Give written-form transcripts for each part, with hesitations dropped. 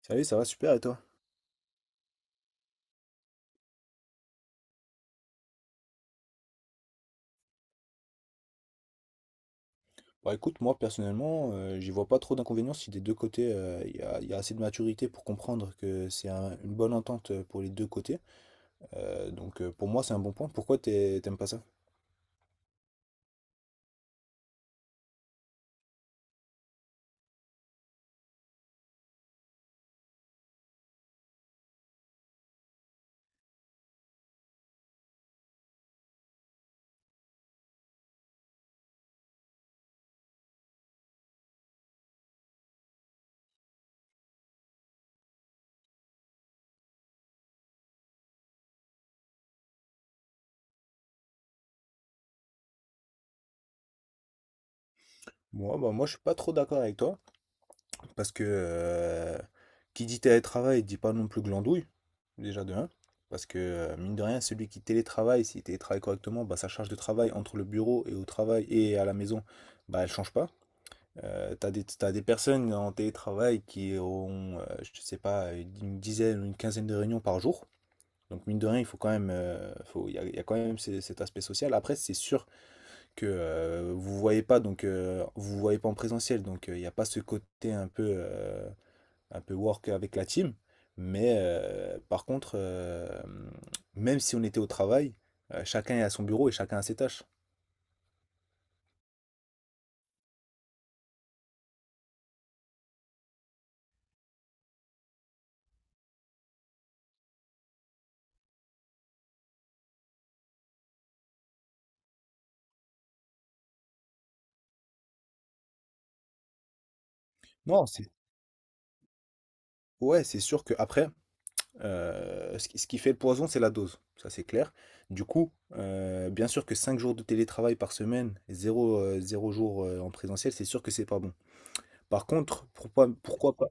Salut, ça va super et toi? Bah écoute, moi personnellement, j'y vois pas trop d'inconvénients si des deux côtés, il y a assez de maturité pour comprendre que c'est une bonne entente pour les deux côtés. Donc pour moi, c'est un bon point. Pourquoi t'aimes pas ça? Moi, bah moi, je suis pas trop d'accord avec toi parce que qui dit télétravail dit pas non plus glandouille, déjà de un. Parce que mine de rien, celui qui télétravaille, s'il télétravaille correctement, bah sa charge de travail entre le bureau et au travail et à la maison, bah elle change pas. T'as des t'as des, personnes en télétravail qui ont, je sais pas, une dizaine ou une quinzaine de réunions par jour. Donc mine de rien, il faut quand même, il y a quand même cet aspect social. Après, c'est sûr que vous voyez pas en présentiel, donc il n'y a pas ce côté un peu work avec la team. Mais par contre, même si on était au travail, chacun est à son bureau et chacun a ses tâches. Non, c'est ouais, c'est sûr que après. Ce qui fait le poison, c'est la dose, ça c'est clair. Du coup, bien sûr que 5 jours de télétravail par semaine, 0 jours en présentiel, c'est sûr que c'est pas bon. Par contre, pourquoi, pourquoi pas?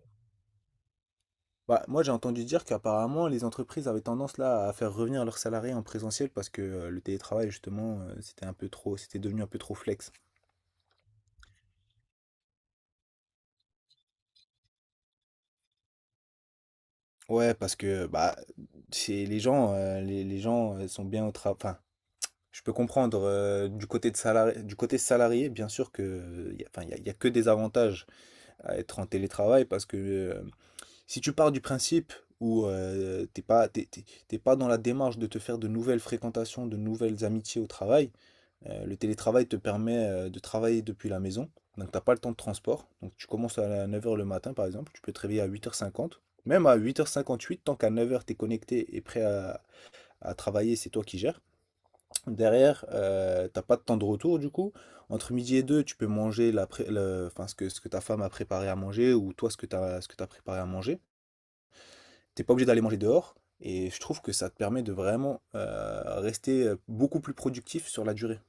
Bah, moi j'ai entendu dire qu'apparemment les entreprises avaient tendance là à faire revenir leurs salariés en présentiel parce que le télétravail justement c'était devenu un peu trop flex. Ouais, parce que bah les gens sont bien au travail. Je peux comprendre du côté salarié, bien sûr que y a, enfin, y a que des avantages à être en télétravail parce que si tu pars du principe où t'es pas dans la démarche de te faire de nouvelles fréquentations, de nouvelles amitiés au travail. Le télétravail te permet de travailler depuis la maison. Donc t'as pas le temps de transport. Donc tu commences à 9h le matin par exemple, tu peux te réveiller à 8h50. Même à 8h58, tant qu'à 9h t'es connecté et prêt à travailler, c'est toi qui gères. Derrière, t'as pas de temps de retour du coup. Entre midi et deux, tu peux manger enfin, ce que ta femme a préparé à manger ou toi ce que t'as préparé à manger. T'es pas obligé d'aller manger dehors. Et je trouve que ça te permet de vraiment rester beaucoup plus productif sur la durée.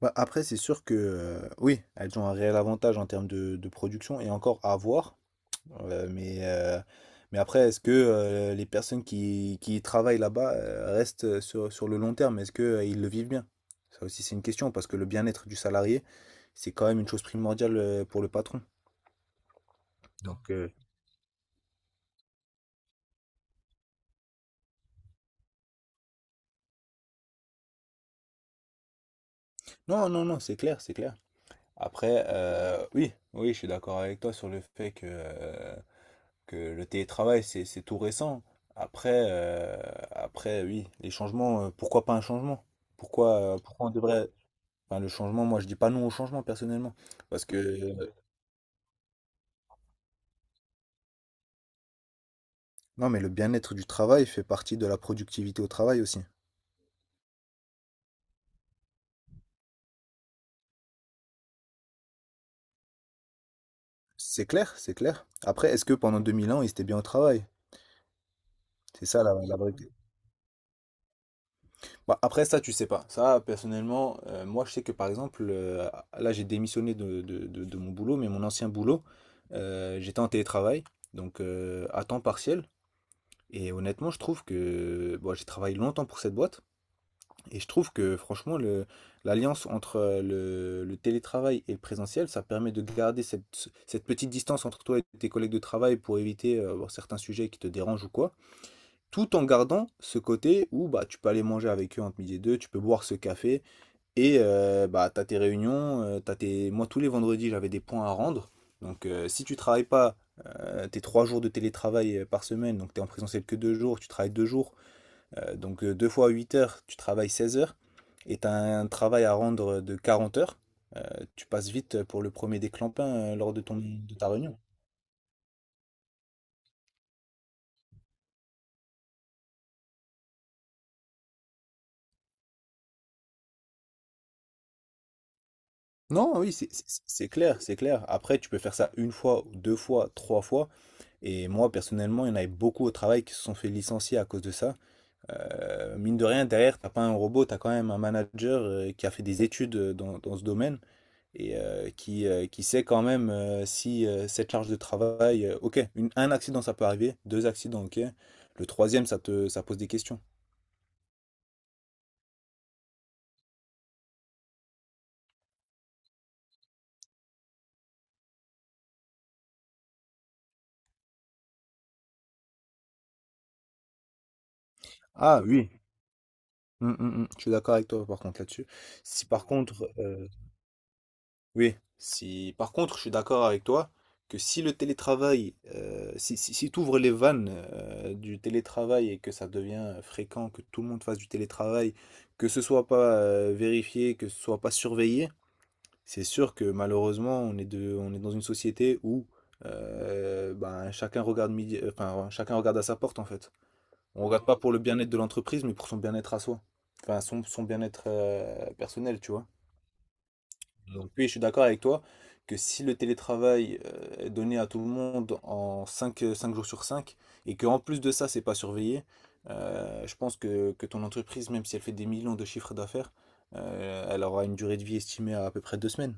Bah, après, c'est sûr que oui, elles ont un réel avantage en termes de production et encore à voir. Mais mais après, est-ce que les personnes qui y travaillent là-bas restent sur le long terme? Est-ce que, ils le vivent bien? Ça aussi, c'est une question, parce que le bien-être du salarié, c'est quand même une chose primordiale pour le patron. Donc, non, non, non, c'est clair, c'est clair. Après, oui, oui, je suis d'accord avec toi sur le fait que le télétravail, c'est tout récent. Après, euh, après, oui, les changements, pourquoi pas un changement? Pourquoi on devrait... Enfin, le changement, moi je dis pas non au changement personnellement. Parce que. Non, mais le bien-être du travail fait partie de la productivité au travail aussi. C'est clair, c'est clair. Après, est-ce que pendant 2000 ans, ils étaient bien au travail? C'est ça la vraie question. Bah, après, ça, tu sais pas. Ça, personnellement, moi, je sais que par exemple, là, j'ai démissionné de mon boulot, mais mon ancien boulot, j'étais en télétravail, donc à temps partiel. Et honnêtement, je trouve que bon, j'ai travaillé longtemps pour cette boîte. Et je trouve que franchement, l'alliance entre le télétravail et le présentiel, ça permet de garder cette petite distance entre toi et tes collègues de travail pour éviter bon, certains sujets qui te dérangent ou quoi, tout en gardant ce côté où bah, tu peux aller manger avec eux entre midi et deux, tu peux boire ce café, et bah, tu as tes réunions, moi tous les vendredis j'avais des points à rendre, donc si tu travailles pas tes 3 jours de télétravail par semaine, donc tu es en présentiel que 2 jours, tu travailles 2 jours, donc 2 fois 8 heures, tu travailles 16 heures et tu as un travail à rendre de 40 heures. Euh, Tu passes vite pour le premier déclampin lors de de ta réunion. Non, oui, c'est clair, c'est clair. Après, tu peux faire ça une fois, deux fois, trois fois. Et moi, personnellement, il y en avait beaucoup au travail qui se sont fait licencier à cause de ça. Mine de rien, derrière, t'as pas un robot, t'as quand même un manager qui a fait des études dans ce domaine. Et qui sait quand même si cette charge de travail, ok, un accident ça peut arriver, deux accidents, ok, le troisième ça pose des questions. Ah oui. Mm, mm, mm. Je suis d'accord avec toi par contre là-dessus. Si par contre, Oui, si par contre, je suis d'accord avec toi que si le télétravail, si tu ouvres les vannes du télétravail et que ça devient fréquent, que tout le monde fasse du télétravail, que ce soit pas vérifié, que ce soit pas surveillé, c'est sûr que malheureusement, on est dans une société où ben, enfin, chacun regarde à sa porte en fait. On regarde pas pour le bien-être de l'entreprise, mais pour son bien-être à soi. Enfin, son bien-être personnel, tu vois. Donc oui, je suis d'accord avec toi que si le télétravail est donné à tout le monde en 5 jours sur 5 et qu'en plus de ça, c'est pas surveillé, je pense que ton entreprise, même si elle fait des millions de chiffres d'affaires, elle aura une durée de vie estimée à peu près 2 semaines.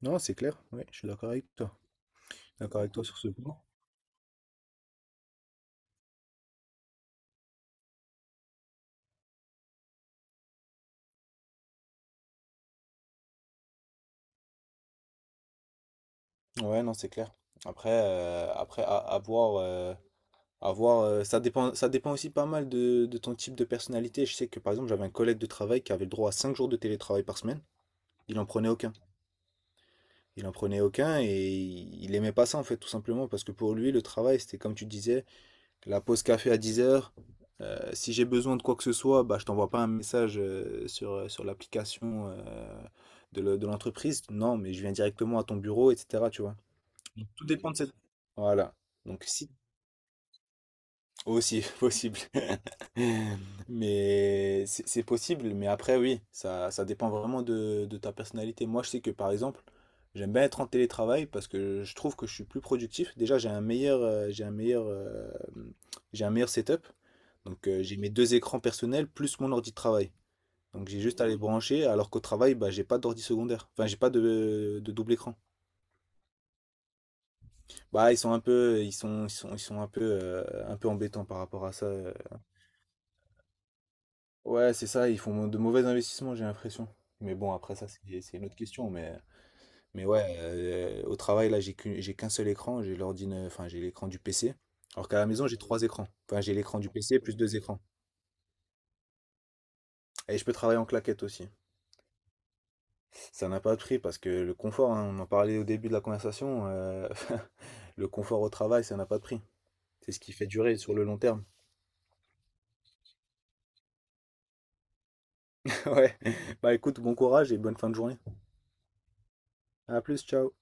Non, c'est clair, oui, je suis d'accord avec toi. D'accord avec toi sur ce point. Ouais, non, c'est clair. Après, à voir, ça dépend aussi pas mal de ton type de personnalité. Je sais que par exemple, j'avais un collègue de travail qui avait le droit à 5 jours de télétravail par semaine. Il en prenait aucun. Il en prenait aucun et il aimait pas ça en fait, tout simplement parce que pour lui, le travail, c'était comme tu disais, la pause café à 10h. Si j'ai besoin de quoi que ce soit, bah, je t'envoie pas un message sur l'application de l'entreprise. Non, mais je viens directement à ton bureau, etc. Tu vois. Donc, tout dépend de cette... Voilà. Donc si Aussi possible. Mais c'est possible, mais après, oui, ça dépend vraiment de ta personnalité. Moi, je sais que par exemple, j'aime bien être en télétravail parce que je trouve que je suis plus productif. Déjà, j'ai un meilleur setup. Donc, j'ai mes 2 écrans personnels plus mon ordi de travail. Donc, j'ai juste à les brancher, alors qu'au travail, bah, j'ai pas d'ordi secondaire. Enfin, j'ai pas de double écran. Bah, ils sont un peu embêtants par rapport à ça. Ouais, c'est ça, ils font de mauvais investissements, j'ai l'impression. Mais bon, après ça, c'est une autre question. Mais ouais, au travail, là, j'ai qu'un seul écran, j'ai l'ordinateur, enfin, j'ai l'écran du PC. Alors qu'à la maison, j'ai 3 écrans. Enfin, j'ai l'écran du PC plus 2 écrans. Et je peux travailler en claquette aussi. Ça n'a pas de prix parce que le confort, hein, on en parlait au début de la conversation, le confort au travail, ça n'a pas de prix. C'est ce qui fait durer sur le long terme. Ouais. Bah écoute, bon courage et bonne fin de journée. À plus, ciao.